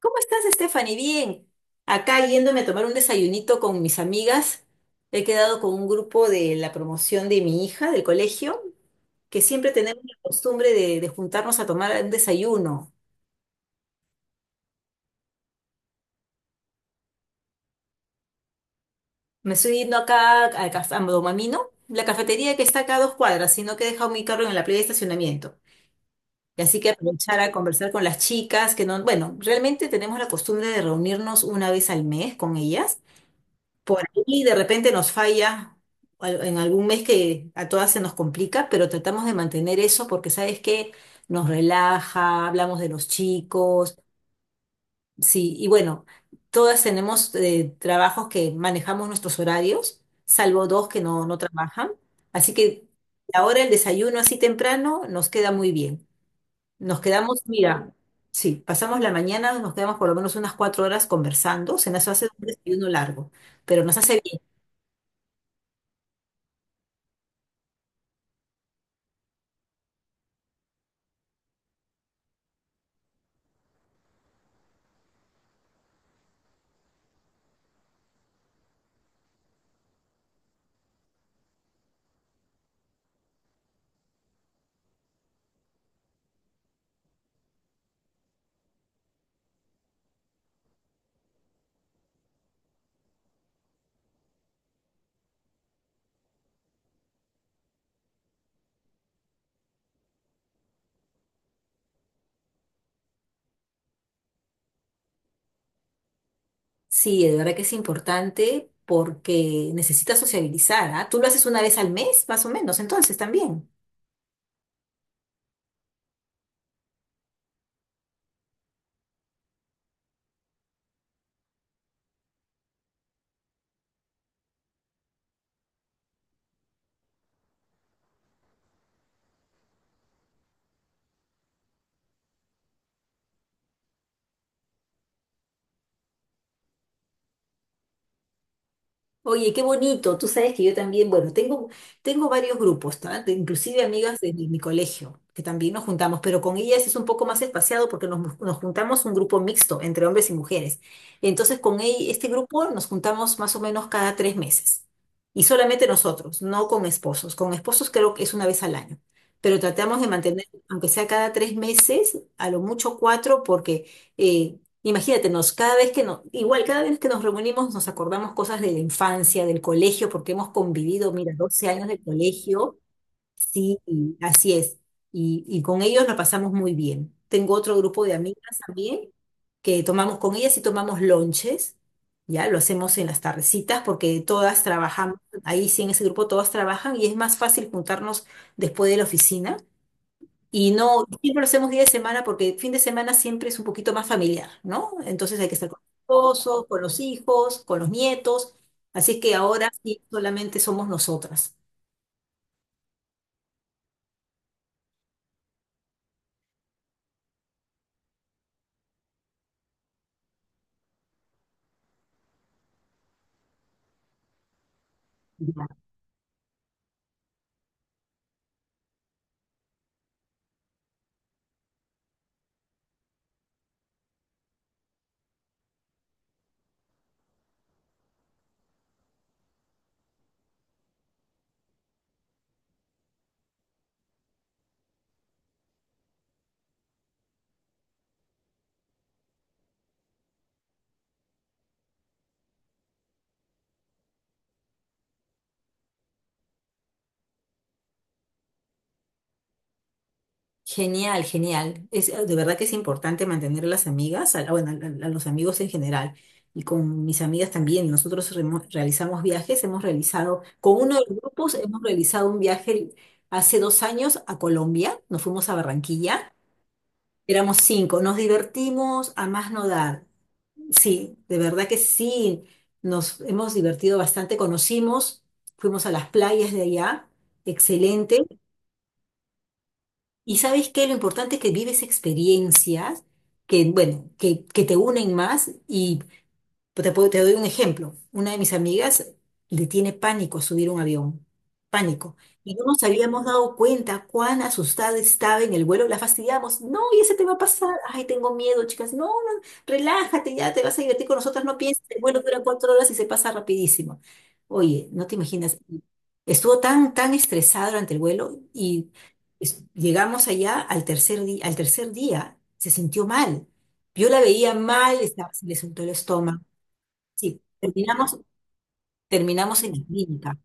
¿Cómo estás, Stephanie? Bien. Acá yéndome a tomar un desayunito con mis amigas. He quedado con un grupo de la promoción de mi hija del colegio, que siempre tenemos la costumbre de juntarnos a tomar un desayuno. Me estoy yendo acá al café, a Domamino, la cafetería que está acá a dos cuadras, sino que he dejado mi carro en la playa de estacionamiento. Y así que aprovechar a conversar con las chicas, que no, bueno, realmente tenemos la costumbre de reunirnos una vez al mes con ellas. Por ahí de repente nos falla en algún mes que a todas se nos complica, pero tratamos de mantener eso porque sabes que nos relaja, hablamos de los chicos, sí, y bueno, todas tenemos trabajos que manejamos nuestros horarios, salvo dos que no, no trabajan, así que ahora el desayuno así temprano nos queda muy bien. Nos quedamos, mira, sí, pasamos la mañana, nos quedamos por lo menos unas 4 horas conversando, se nos hace un desayuno largo, pero nos hace bien. Sí, de verdad que es importante porque necesitas sociabilizar, ¿ah? Tú lo haces una vez al mes, más o menos, entonces también. Oye, qué bonito. Tú sabes que yo también, bueno, tengo varios grupos, ¿tá? Inclusive amigas de mi colegio, que también nos juntamos, pero con ellas es un poco más espaciado porque nos juntamos un grupo mixto entre hombres y mujeres. Entonces, con este grupo nos juntamos más o menos cada 3 meses. Y solamente nosotros, no con esposos. Con esposos creo que es una vez al año. Pero tratamos de mantener, aunque sea cada 3 meses, a lo mucho cuatro, porque... eh, Imagínate, nos, cada vez que nos, igual cada vez que nos reunimos nos acordamos cosas de la infancia, del colegio, porque hemos convivido, mira, 12 años de colegio, sí, y así es. Y con ellos la pasamos muy bien. Tengo otro grupo de amigas también, que tomamos con ellas y tomamos lonches, ya lo hacemos en las tardecitas, porque todas trabajamos, ahí sí en ese grupo todas trabajan y es más fácil juntarnos después de la oficina y no, siempre lo hacemos día de semana porque el fin de semana siempre es un poquito más familiar, ¿no? Entonces hay que estar con los esposos, con los hijos, con los nietos. Así es que ahora sí solamente somos nosotras. Ya. Genial, genial. Es, de verdad que es importante mantener a las amigas, a, bueno, a los amigos en general. Y con mis amigas también. Nosotros realizamos viajes, hemos realizado, con uno de los grupos hemos realizado un viaje hace 2 años a Colombia. Nos fuimos a Barranquilla. Éramos cinco, nos divertimos a más no dar. Sí, de verdad que sí, nos hemos divertido bastante, conocimos, fuimos a las playas de allá, excelente. Y sabes qué, lo importante es que vives experiencias que, bueno, que te unen más y pues te doy un ejemplo. Una de mis amigas le tiene pánico subir un avión. Pánico. Y no nos habíamos dado cuenta cuán asustada estaba en el vuelo. La fastidiamos. No, y ese te va a pasar. Ay, tengo miedo, chicas. No, no, relájate, ya te vas a divertir con nosotras. No pienses, el vuelo dura 4 horas y se pasa rapidísimo. Oye, no te imaginas. Estuvo tan, tan estresada durante el vuelo y llegamos allá al tercer día se sintió mal. Yo la veía mal, estaba- se le soltó el estómago. Sí, terminamos, terminamos en la clínica.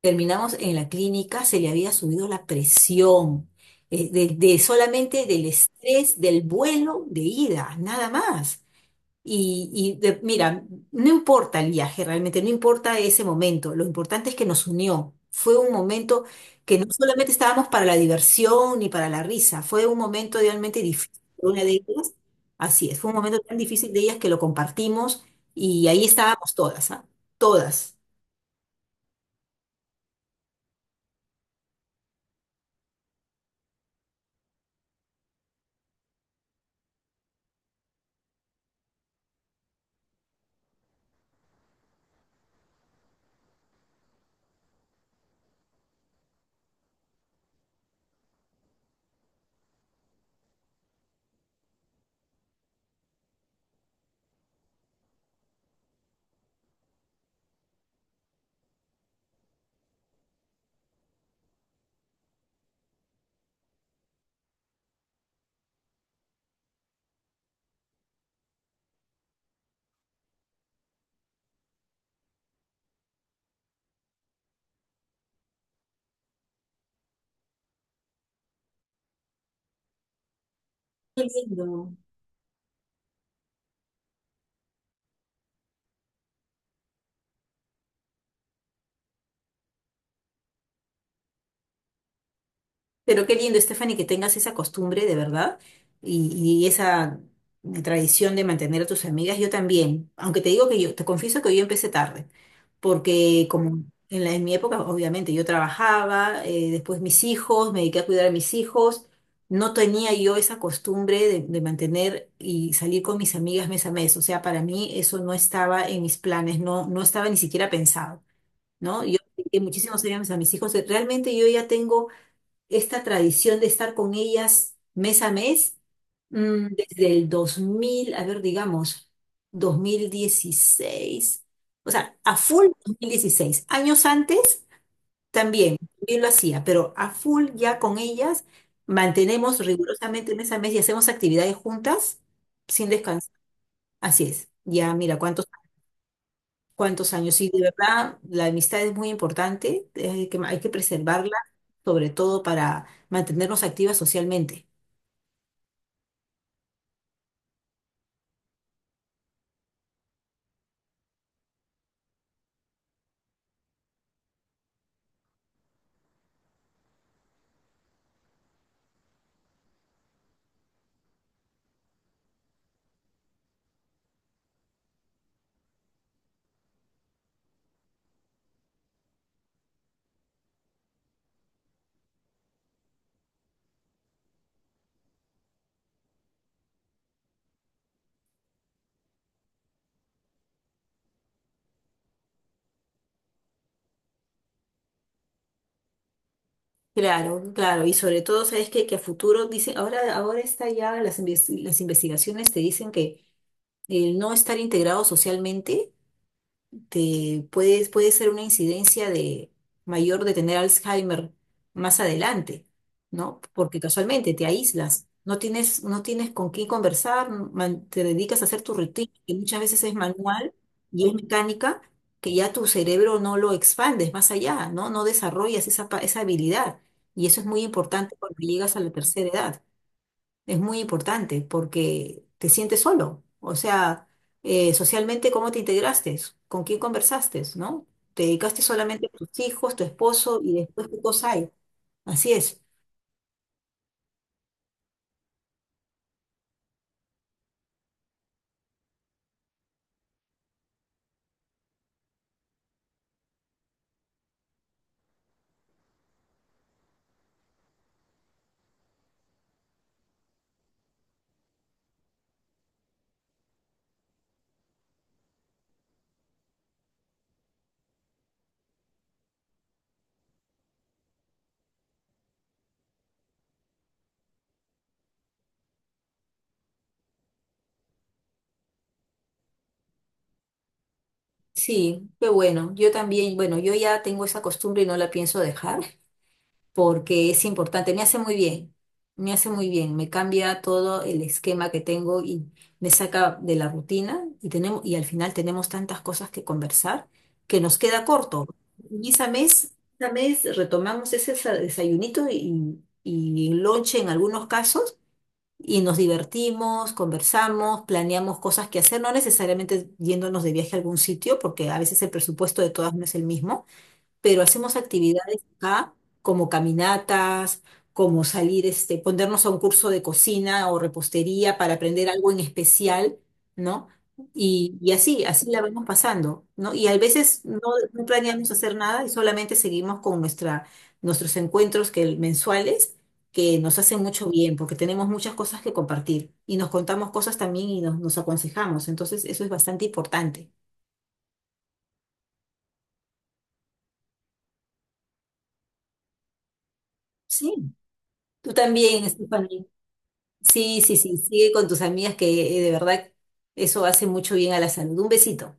Terminamos en la clínica, se le había subido la presión, de solamente del estrés del vuelo de ida, nada más. Y mira, no importa el viaje realmente, no importa ese momento, lo importante es que nos unió. Fue un momento que no solamente estábamos para la diversión ni para la risa, fue un momento realmente difícil de una de ellas. Así es, fue un momento tan difícil de ellas que lo compartimos y ahí estábamos todas, ¿ah? Todas. Qué lindo. Pero qué lindo, Stephanie, que tengas esa costumbre de verdad y, y esa tradición de mantener a tus amigas. Yo también, aunque te digo que yo, te confieso que yo empecé tarde, porque como en la, en mi época, obviamente, yo trabajaba, después mis hijos, me dediqué a cuidar a mis hijos, no tenía yo esa costumbre de mantener y salir con mis amigas mes a mes. O sea, para mí eso no estaba en mis planes, no, no estaba ni siquiera pensado, ¿no? Yo dediqué muchísimos años a mis hijos, realmente yo ya tengo esta tradición de estar con ellas mes a mes, desde el 2000 a ver, digamos, 2016, o sea, a full 2016. Años antes también, también lo hacía, pero a full ya con ellas mantenemos rigurosamente mes a mes y hacemos actividades juntas sin descansar. Así es. Ya, mira, cuántos años. Y de verdad, la amistad es muy importante, que hay que preservarla, sobre todo para mantenernos activas socialmente. Claro, claro, y sobre todo, ¿sabes qué? Que a futuro dicen, ahora está ya, las investigaciones te dicen que el no estar integrado socialmente te puede, puede ser una incidencia de mayor de tener Alzheimer más adelante, ¿no? Porque casualmente te aíslas, no tienes, no tienes con quién conversar, te dedicas a hacer tu rutina, que muchas veces es manual y es mecánica, que ya tu cerebro no lo expandes más allá, ¿no? No desarrollas esa, esa habilidad. Y eso es muy importante cuando llegas a la tercera edad, es muy importante porque te sientes solo. O sea, socialmente, ¿cómo te integraste? ¿Con quién conversaste? ¿No? ¿Te dedicaste solamente a tus hijos, tu esposo y después qué cosa hay? Así es. Sí, qué bueno. Yo también, bueno, yo ya tengo esa costumbre y no la pienso dejar. Porque es importante, me hace muy bien, me hace muy bien, me cambia todo el esquema que tengo y me saca de la rutina y tenemos, y al final tenemos tantas cosas que conversar que nos queda corto. Y esa mes retomamos ese desayunito y lonche en algunos casos y nos divertimos, conversamos, planeamos cosas que hacer, no necesariamente yéndonos de viaje a algún sitio, porque a veces el presupuesto de todas no es el mismo, pero hacemos actividades acá como caminatas, como salir, este, ponernos a un curso de cocina o repostería para aprender algo en especial, ¿no? Y así la vamos pasando, ¿no? Y a veces no, no planeamos hacer nada y solamente seguimos con nuestra, nuestros encuentros que, mensuales que nos hacen mucho bien porque tenemos muchas cosas que compartir y nos contamos cosas también y nos aconsejamos. Entonces, eso es bastante importante. Sí, tú también, Estefan. Sí, sí, sí, sigue con tus amigas que de verdad eso hace mucho bien a la salud. Un besito.